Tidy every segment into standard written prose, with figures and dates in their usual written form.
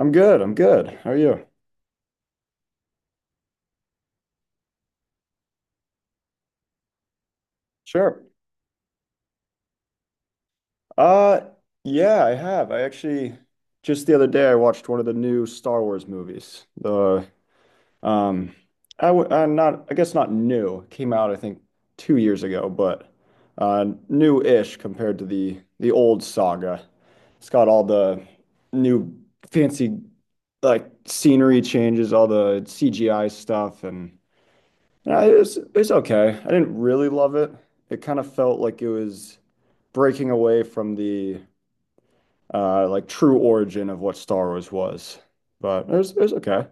I'm good. How are you? Sure. Uh, yeah, I have. I actually just the other day I watched one of the new Star Wars movies. The um, I w I'm not. I guess not new. It came out I think 2 years ago, but new-ish compared to the old saga. It's got all the new fancy like scenery changes, all the CGI stuff, and it's okay. I didn't really love it. It kind of felt like it was. Breaking away from the like true origin of what Star Wars was. But it was okay.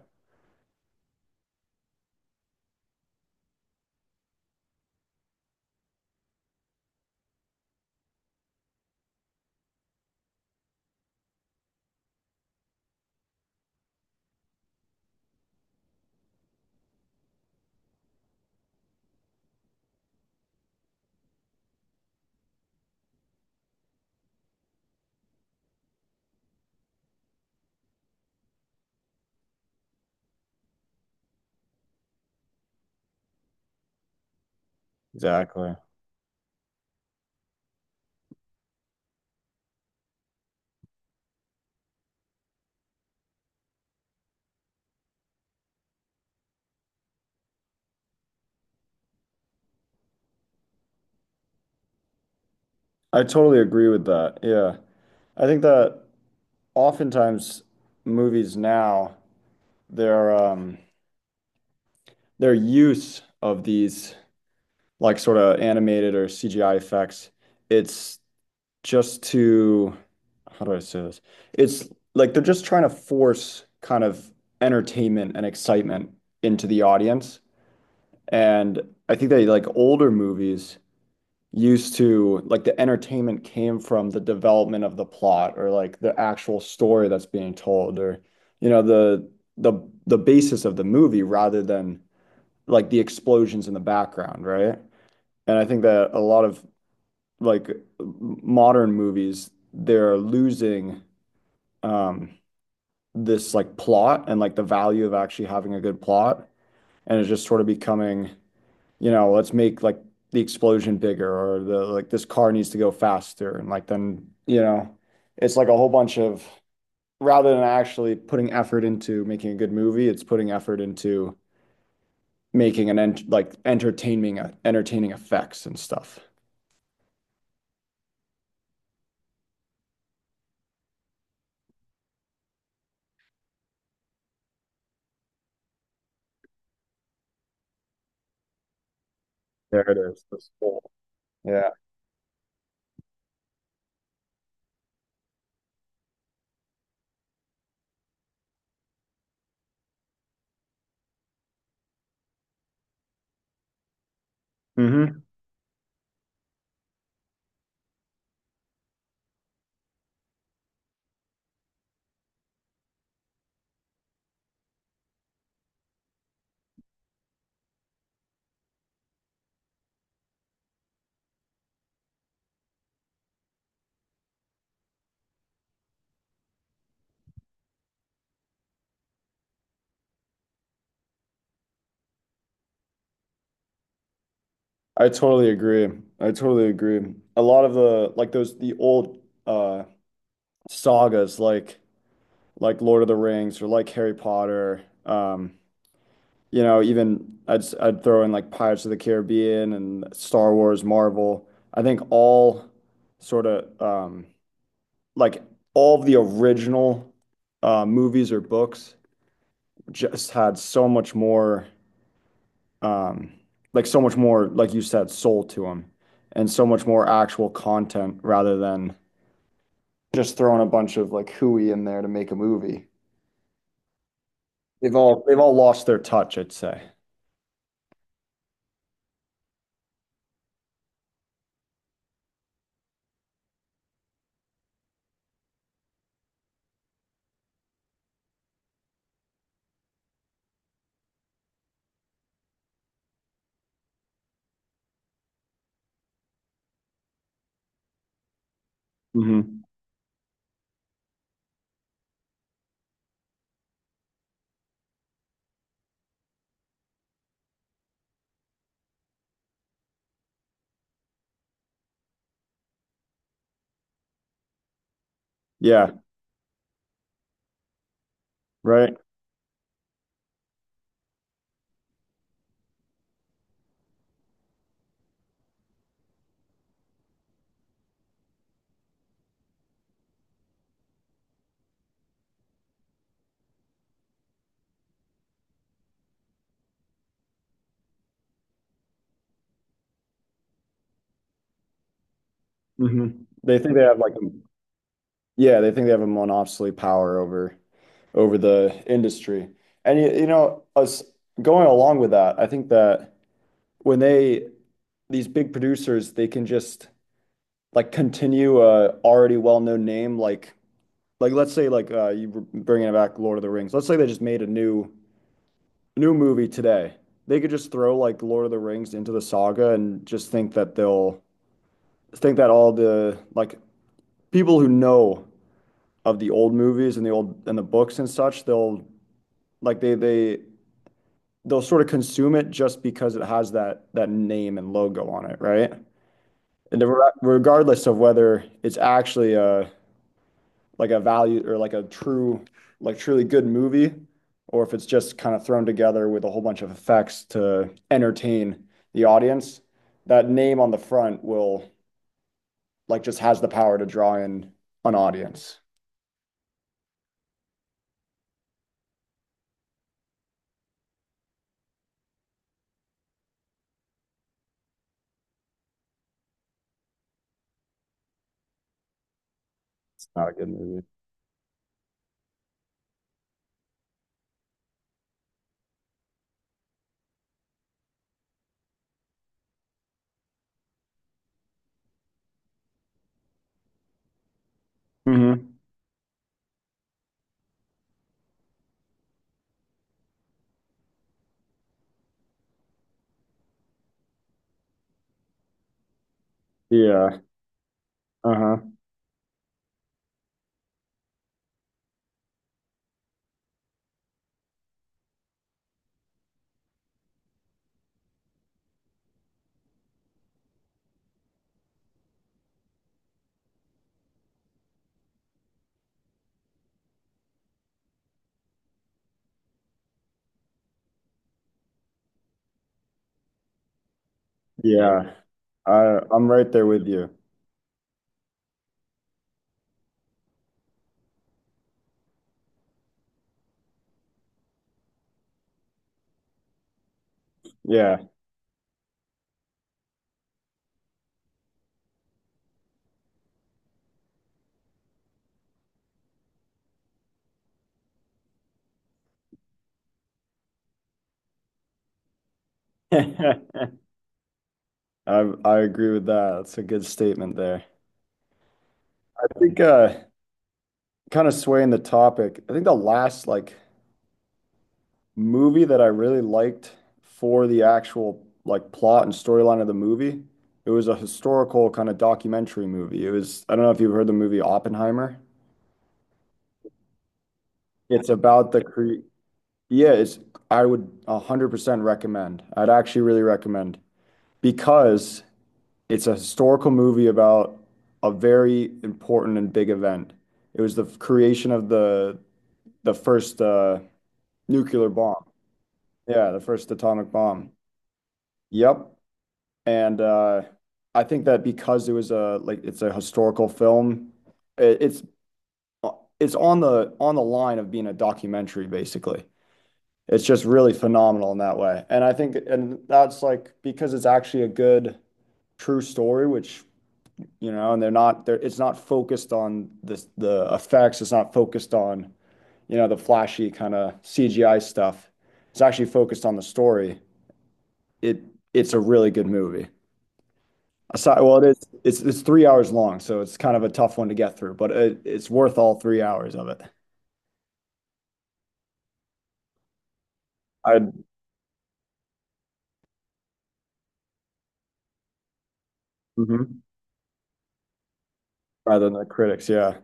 Exactly. I totally agree with that. Yeah. I think that oftentimes movies now, their um their use of these like sort of animated or CGI effects, it's just to how do I say this? It's like they're just trying to force kind of entertainment and excitement into the audience. And I think that like older movies used to like the entertainment came from the development of the plot or like the actual story that's being told, or you know, the the basis of the movie rather than like the explosions in the background, right? And I think that a lot of like modern movies, they're losing um this like plot and like the value of actually having a good plot, and it's just sort of becoming, you know, let's make like the explosion bigger, or the like this car needs to go faster, and like then, you know, it's like a whole bunch of, rather than actually putting effort into making a good movie, it's putting effort into making an ent like entertaining entertaining effects and stuff. There it is. This whole- Yeah. Hmm. I totally agree. I totally agree. A lot of the like those the old uh sagas like Lord of the Rings or like Harry Potter, you know, even I'd throw in like Pirates of the Caribbean and Star Wars, Marvel. I think all sort of like all of the original movies or books just had so much more um, like so much more, like you said, soul to them, and so much more actual content rather than just throwing a bunch of like hooey in there to make a movie. They've all lost their touch, I'd say. Hmm. Yeah, right. Hmm. They think they have like a, yeah, they think they have a monopoly power over over the industry. And you know, us going along with that, I think that when they, these big producers, they can just like continue a already well-known name like let's say like you were bringing back Lord of the Rings. Let's say they just made a new movie today. They could just throw like Lord of the Rings into the saga and just think that they'll think that all the like people who know of the old movies and the old and the books and such, they'll like they'll they they they'll sort of consume it just because it has that name and logo on it, right? And regardless of whether it's actually a like a value or like a true like truly good movie, or if it's just kind of thrown together with a whole bunch of effects to entertain the audience, that name on the front will like just has the power to draw in an audience. It's not a good movie. Mm-hmm. Yeah. Uh huh. Yeah. I'm right there with you. Yeah. I I agree with that. That's a good statement there. I think kind of swaying the topic. I think the last like movie that I really liked for the actual like plot and storyline of the movie, it was a historical kind of documentary movie. It was I don't know if you've heard the movie Oppenheimer. It's about the cre Yeah, it's I would 100% recommend. I'd actually really recommend because it's a historical movie about a very important and big event. It was the creation of the first nuclear bomb. Yeah, the first atomic bomb. Yep. And I think that because it was a like it's a historical film, it's on the line of being a documentary, basically. It's just really phenomenal in that way. And I think, and that's like because it's actually a good true story, which, you know, and they're not, they're, it's not focused on this, the effects. It's not focused on, you know, the flashy kind of CGI stuff. It's actually focused on the story. It It's a really good movie. Well, it's 3 hours long, so it's kind of a tough one to get through, but it's worth all 3 hours of it. I'd mm-hmm. Rather than the critics, yeah.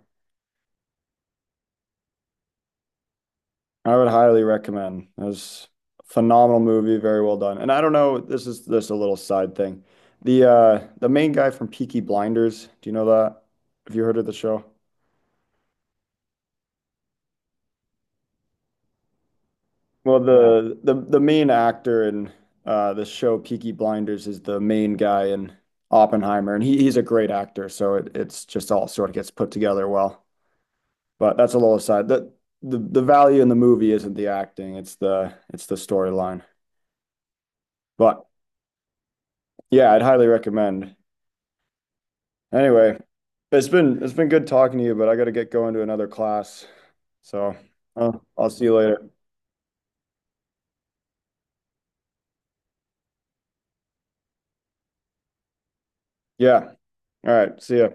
I would highly recommend. It was a phenomenal movie, very well done. And I don't know, this is just a little side thing. The main guy from Peaky Blinders, do you know that? Have you heard of the show? Well, no. The main actor in the show Peaky Blinders is the main guy in Oppenheimer, and he's a great actor, so it's just all sort of gets put together well. But that's a little aside. The value in the movie isn't the acting, it's the storyline. But yeah, I'd highly recommend. Anyway, it's been good talking to you, but I got to get going to another class. So, I'll see you later. Yeah. All right. See ya.